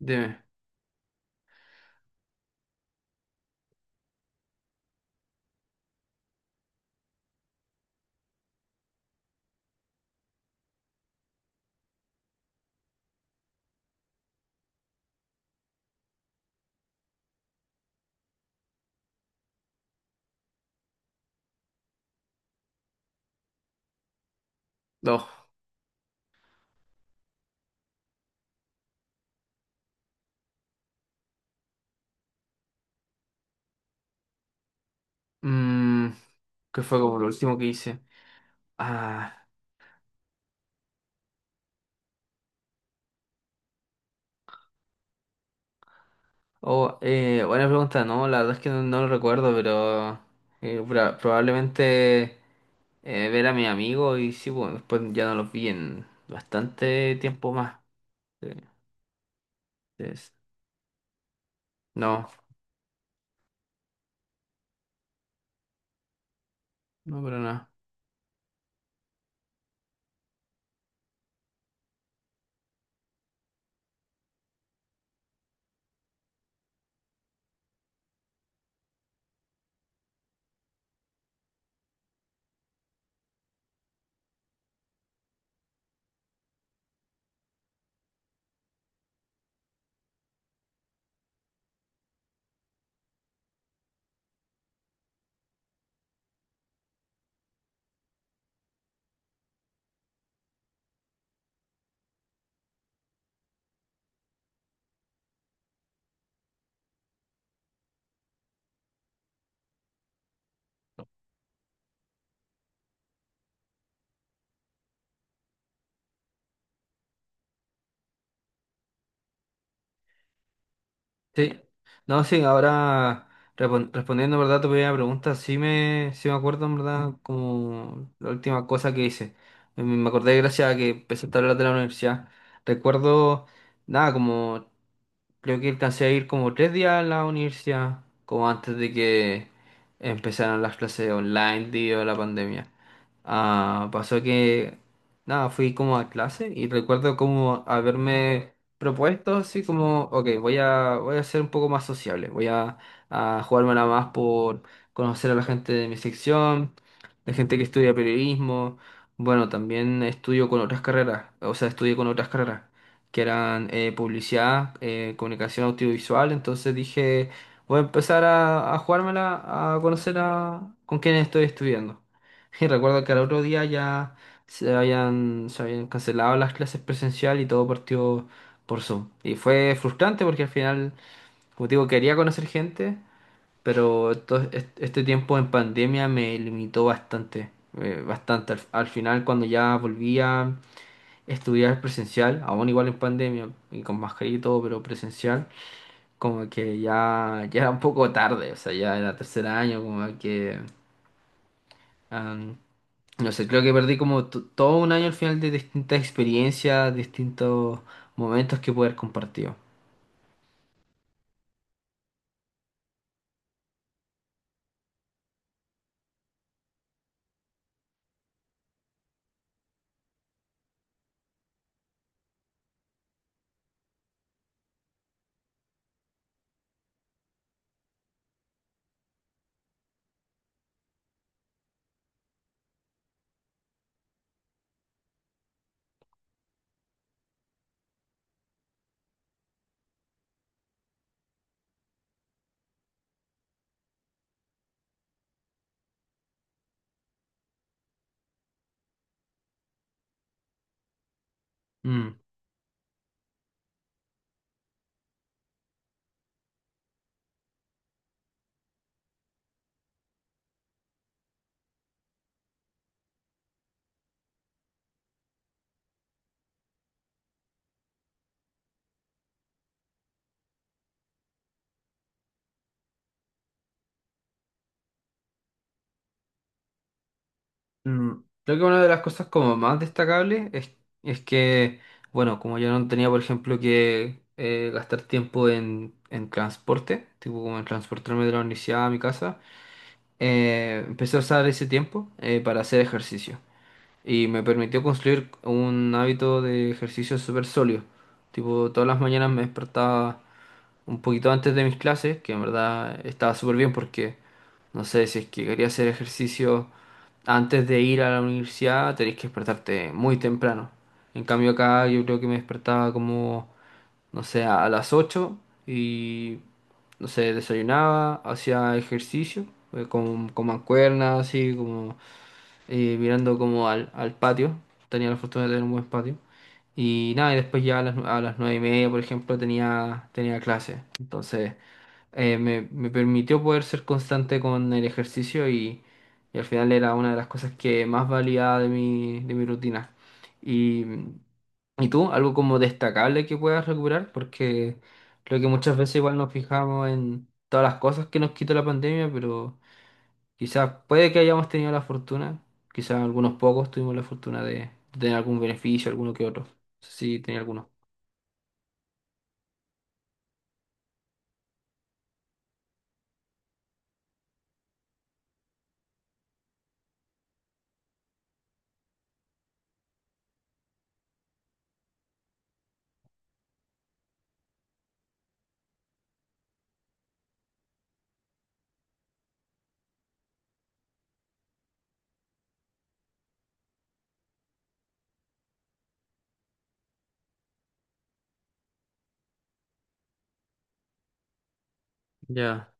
Dime. Dos. Mm, ¿Qué fue como lo último que hice? Ah, oh, buena pregunta. No, la verdad es que no, no lo recuerdo, pero probablemente ver a mi amigo y sí, bueno, después ya no los vi en bastante tiempo más. Sí, es- no, no, pero nada. Sí, no, sí, ahora respondiendo, ¿verdad? Tu primera pregunta, sí me acuerdo. ¿En verdad? Como la última cosa que hice. Me acordé gracias a que empecé a hablar de la universidad. Recuerdo, nada, como creo que alcancé a ir como 3 días a la universidad, como antes de que empezaran las clases online debido a la pandemia. Ah, pasó que, nada, fui como a clase y recuerdo como haberme propuesto así como, ok, voy a ser un poco más sociable, voy a jugármela más por conocer a la gente de mi sección, la gente que estudia periodismo. Bueno, también estudio con otras carreras, o sea, estudié con otras carreras que eran publicidad, comunicación audiovisual. Entonces dije, voy a empezar a jugármela, a conocer con quién estoy estudiando. Y recuerdo que al otro día ya se habían cancelado las clases presencial y todo partió por Zoom. Y fue frustrante porque al final, como te digo, quería conocer gente, pero este tiempo en pandemia me limitó bastante, bastante. Al final, cuando ya volvía estudiar presencial, aún igual en pandemia y con mascarilla y todo, pero presencial, como que ya, ya era un poco tarde, o sea, ya era tercer año, como que, am, no sé, creo que perdí como todo un año al final de distintas experiencias, distintos momentos que poder compartido. Mm, mm. Creo que una de las cosas como más destacables es, que, bueno, como yo no tenía, por ejemplo, que gastar tiempo en transporte, tipo como en transportarme de la universidad a mi casa. Empecé a usar ese tiempo para hacer ejercicio y me permitió construir un hábito de ejercicio súper sólido. Tipo, todas las mañanas me despertaba un poquito antes de mis clases, que en verdad estaba súper bien porque, no sé, si es que quería hacer ejercicio antes de ir a la universidad, tenés que despertarte muy temprano. En cambio acá yo creo que me despertaba como, no sé, a las 8 y, no sé, desayunaba, hacía ejercicio, con mancuernas, así como mirando como al patio. Tenía la fortuna de tener un buen patio. Y nada, y después ya a las 9:30, por ejemplo, tenía clase. Entonces, me permitió poder ser constante con el ejercicio, y al final era una de las cosas que más valía de mi rutina. Y, ¿Y tú? ¿Algo como destacable que puedas recuperar? Porque creo que muchas veces igual nos fijamos en todas las cosas que nos quitó la pandemia, pero quizás puede que hayamos tenido la fortuna, quizás algunos pocos tuvimos la fortuna de tener algún beneficio, alguno que otro. No sé si tenía alguno. Ya,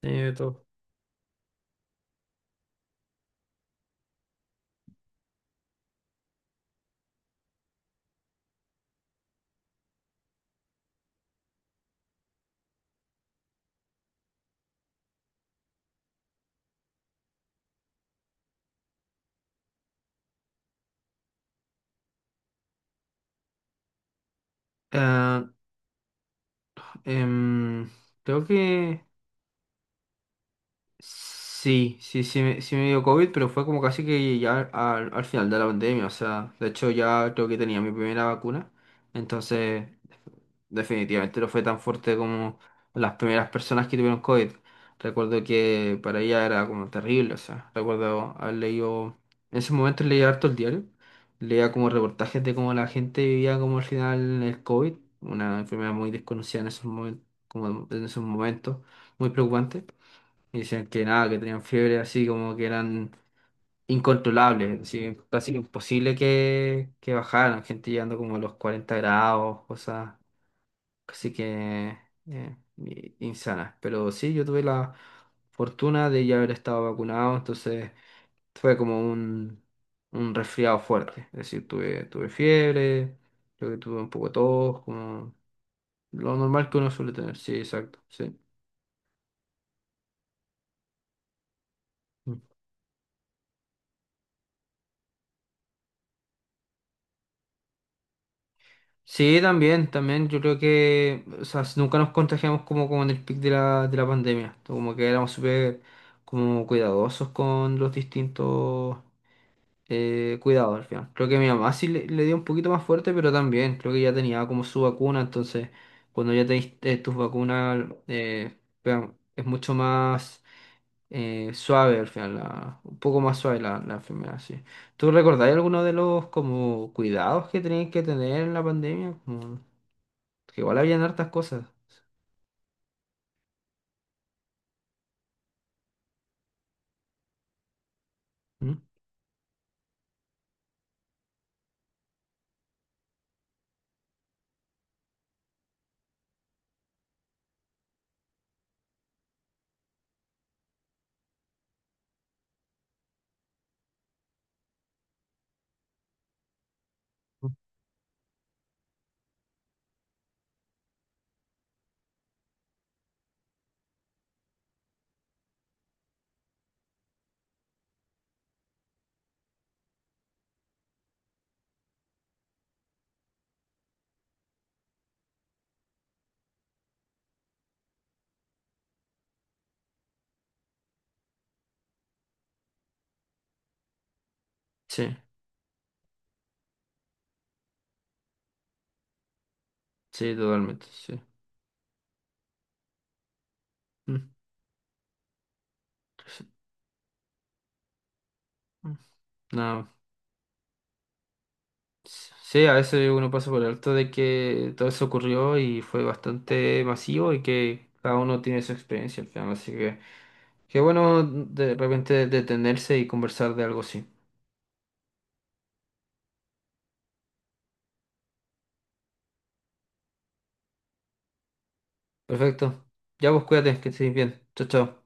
tiene de todo. Ah, em, creo que sí, sí, sí me dio COVID, pero fue como casi que ya al final de la pandemia. O sea, de hecho ya creo que tenía mi primera vacuna. Entonces, definitivamente no fue tan fuerte como las primeras personas que tuvieron COVID. Recuerdo que para ella era como terrible, o sea, recuerdo haber leído, en ese momento leía harto el diario, leía como reportajes de cómo la gente vivía como al final el COVID, una enfermedad muy desconocida en esos momentos, como en esos momentos, muy preocupante. Y decían que nada, que tenían fiebre así como que eran incontrolables, así, casi imposible que bajaran, gente llegando como a los 40 grados, cosas. Así que insana. Pero sí, yo tuve la fortuna de ya haber estado vacunado, entonces fue como un resfriado fuerte. Es decir, tuve fiebre, creo que tuve un poco de tos, como lo normal que uno suele tener. Sí, exacto, sí. Mm. Sí, también, también. Yo creo que, o sea, nunca nos contagiamos como en el pic de la pandemia. Como que éramos súper como cuidadosos con los distintos cuidado al final. Creo que mi mamá sí le dio un poquito más fuerte, pero también creo que ya tenía como su vacuna, entonces cuando ya tenéis tus vacunas es mucho más suave al final, un poco más suave la enfermedad, sí. ¿Tú recordáis alguno de los como cuidados que tenías que tener en la pandemia? Como que igual habían hartas cosas. ¿Mm? Sí, sí, totalmente, sí. Mm, sí. Mm. Nada. Sí, a veces uno pasa por alto de que todo eso ocurrió y fue bastante masivo y que cada uno tiene su experiencia al final. Así que qué bueno de repente detenerse y conversar de algo así. Perfecto. Ya vos cuídate, que estés bien. Chao, chao.